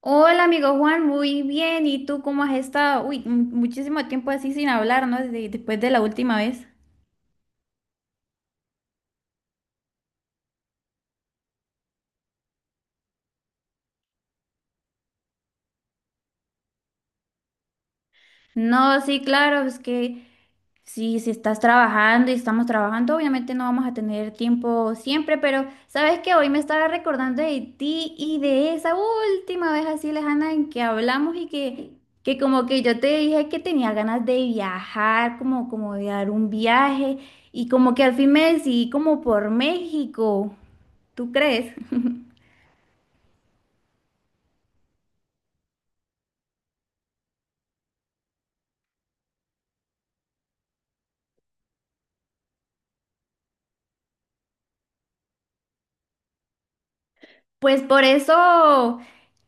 Hola, amigo Juan, muy bien. ¿Y tú cómo has estado? Uy, muchísimo tiempo así sin hablar, ¿no? Después de la última vez. No, sí, claro, es que si estás trabajando y estamos trabajando, obviamente no vamos a tener tiempo siempre, pero sabes que hoy me estaba recordando de ti y de esa última vez así lejana en que hablamos y que como que yo te dije que tenía ganas de viajar, como, como de dar un viaje y como que al fin me decidí como por México, ¿tú crees? Pues por eso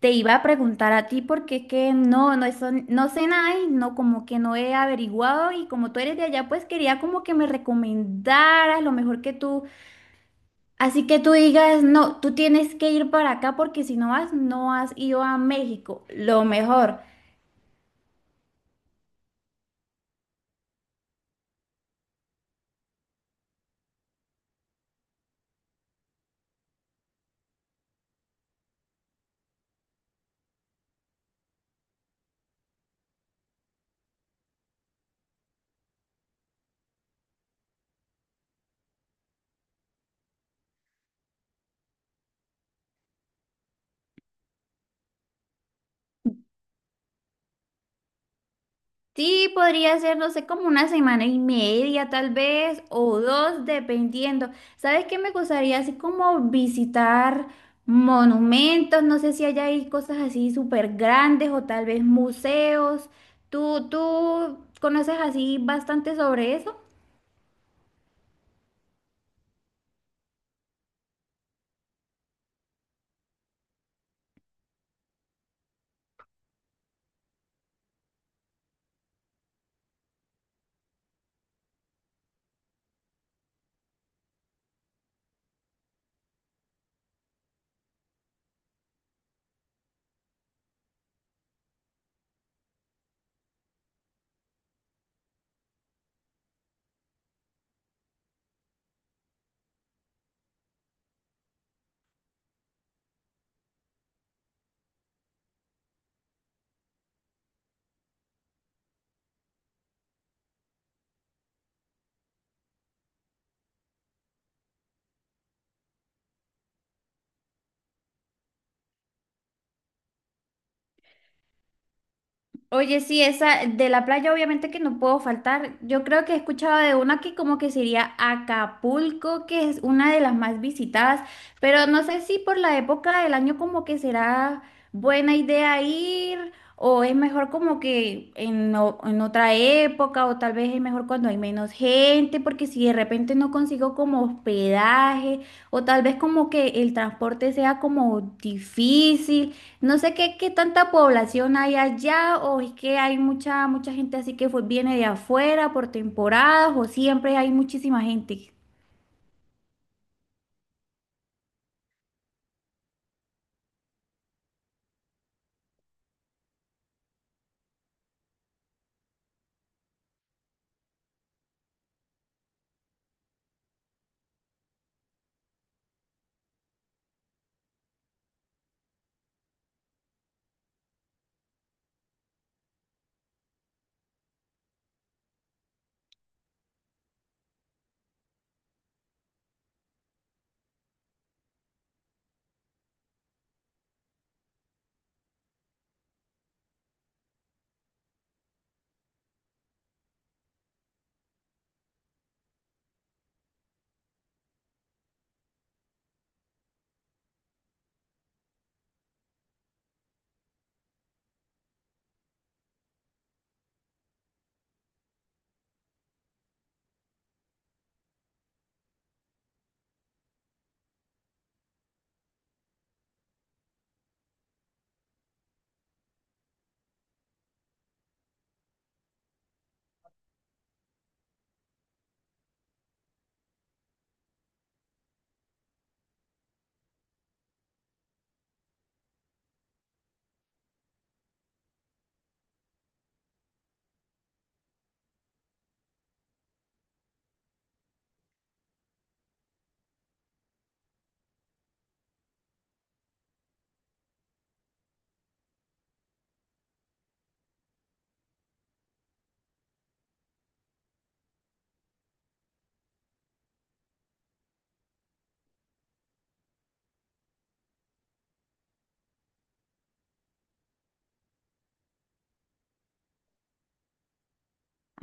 te iba a preguntar a ti, porque es que eso, no sé nada y no, como que no he averiguado y como tú eres de allá, pues quería como que me recomendaras lo mejor que tú, así que tú digas, no, tú tienes que ir para acá porque si no vas, no has ido a México, lo mejor. Sí, podría ser, no sé, como una semana y media tal vez, o dos, dependiendo. ¿Sabes qué me gustaría? Así como visitar monumentos, no sé si allá hay cosas así súper grandes o tal vez museos. ¿Tú conoces así bastante sobre eso? Oye, sí, esa de la playa obviamente que no puedo faltar. Yo creo que he escuchado de una que como que sería Acapulco, que es una de las más visitadas, pero no sé si por la época del año como que será buena idea ir o es mejor como que en otra época o tal vez es mejor cuando hay menos gente, porque si de repente no consigo como hospedaje o tal vez como que el transporte sea como difícil. No sé qué tanta población hay allá, o es que hay mucha gente así que viene de afuera por temporadas, o siempre hay muchísima gente.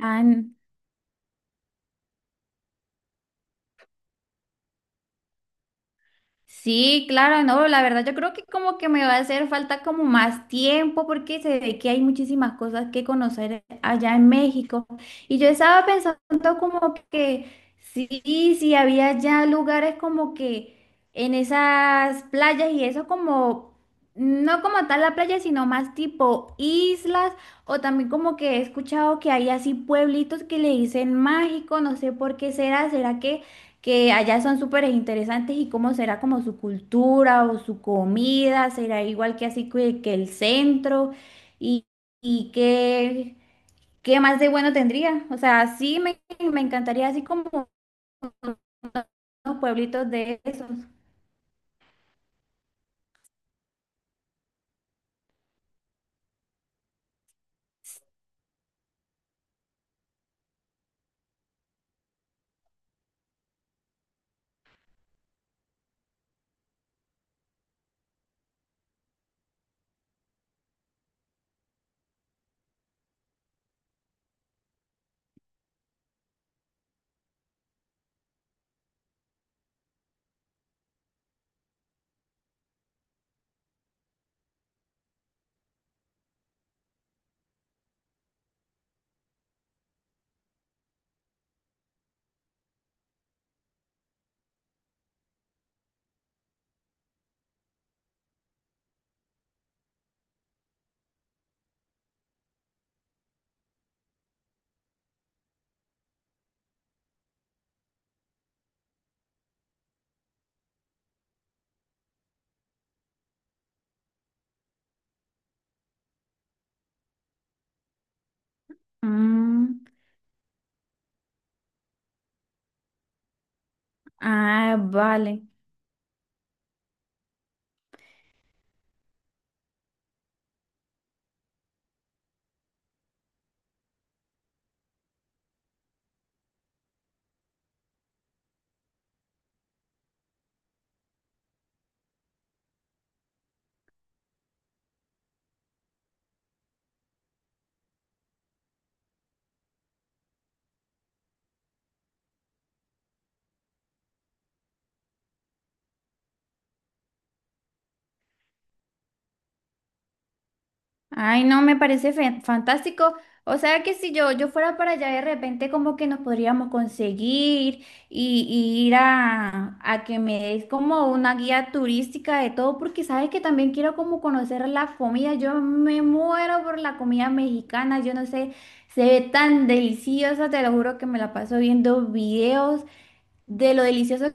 Ah, sí, claro, no, la verdad yo creo que como que me va a hacer falta como más tiempo porque se ve que hay muchísimas cosas que conocer allá en México. Y yo estaba pensando como que sí, sí, había ya lugares como que en esas playas y eso como, no como tal la playa, sino más tipo islas o también como que he escuchado que hay así pueblitos que le dicen mágico, no sé por qué será, ¿será que allá son súper interesantes y cómo será como su cultura o su comida, será igual que así que el centro y, y qué más de bueno tendría? O sea, me encantaría así como unos pueblitos de esos. Mm, vale. Ay, no, me parece fantástico. O sea que si yo fuera para allá de repente como que nos podríamos conseguir y ir a que me des como una guía turística de todo, porque sabes que también quiero como conocer la comida. Yo me muero por la comida mexicana, yo no sé, se ve tan deliciosa, te lo juro que me la paso viendo videos de lo delicioso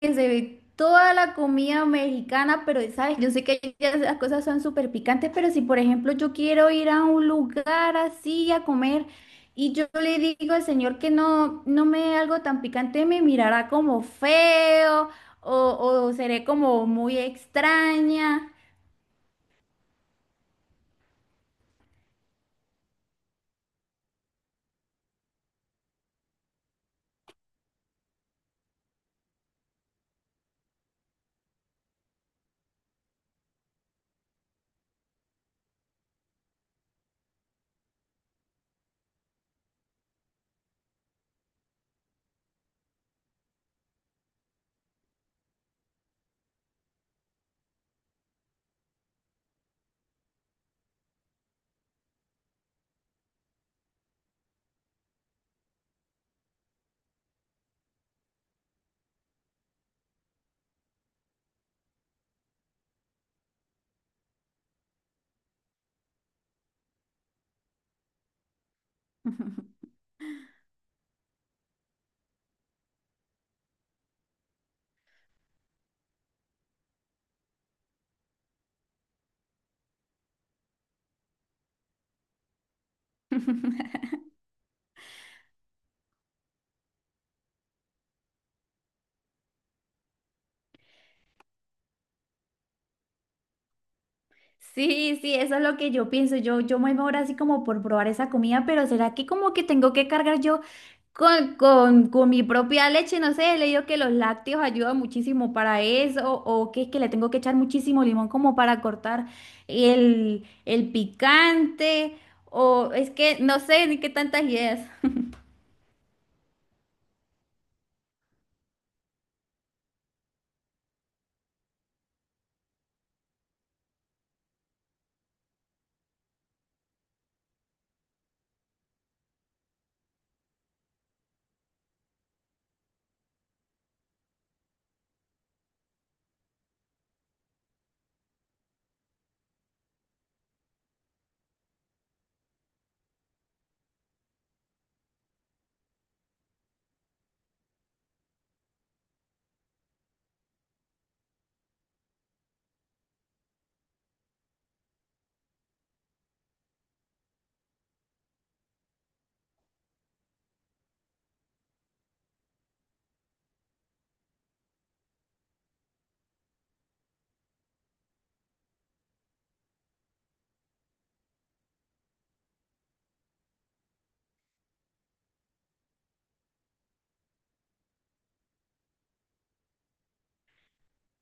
que se ve toda la comida mexicana, pero sabes, yo sé que ya las cosas son súper picantes, pero si por ejemplo yo quiero ir a un lugar así a comer y yo le digo al señor que no me dé algo tan picante, me mirará como feo o, o seré como muy extraña. Sí, sí, eso es lo que yo pienso. Yo me ahora así como por probar esa comida, pero ¿será que como que tengo que cargar yo con, con mi propia leche? No sé, he leído que los lácteos ayudan muchísimo para eso, o que es que le tengo que echar muchísimo limón como para cortar el picante, o es que no sé ni qué tantas ideas.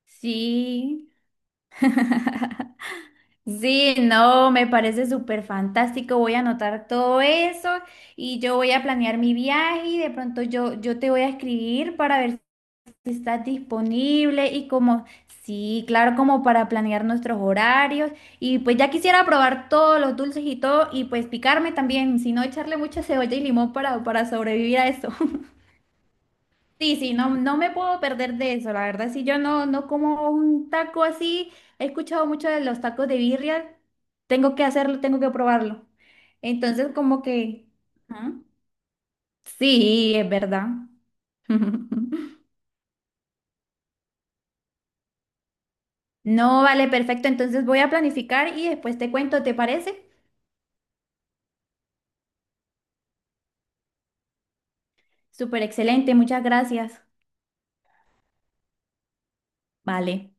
Sí. Sí, no, me parece súper fantástico. Voy a anotar todo eso y yo voy a planear mi viaje y de pronto yo te voy a escribir para ver si estás disponible y como, sí, claro, como para planear nuestros horarios. Y pues ya quisiera probar todos los dulces y todo y pues picarme también, si no echarle mucha cebolla y limón para sobrevivir a eso. Sí, sí, no, no me puedo perder de eso, la verdad, si yo no como un taco así, he escuchado mucho de los tacos de birria, tengo que hacerlo, tengo que probarlo. Entonces, como que, ¿ah? Sí, es verdad. No, vale, perfecto, entonces voy a planificar y después te cuento, ¿te parece? Súper excelente, muchas gracias. Vale.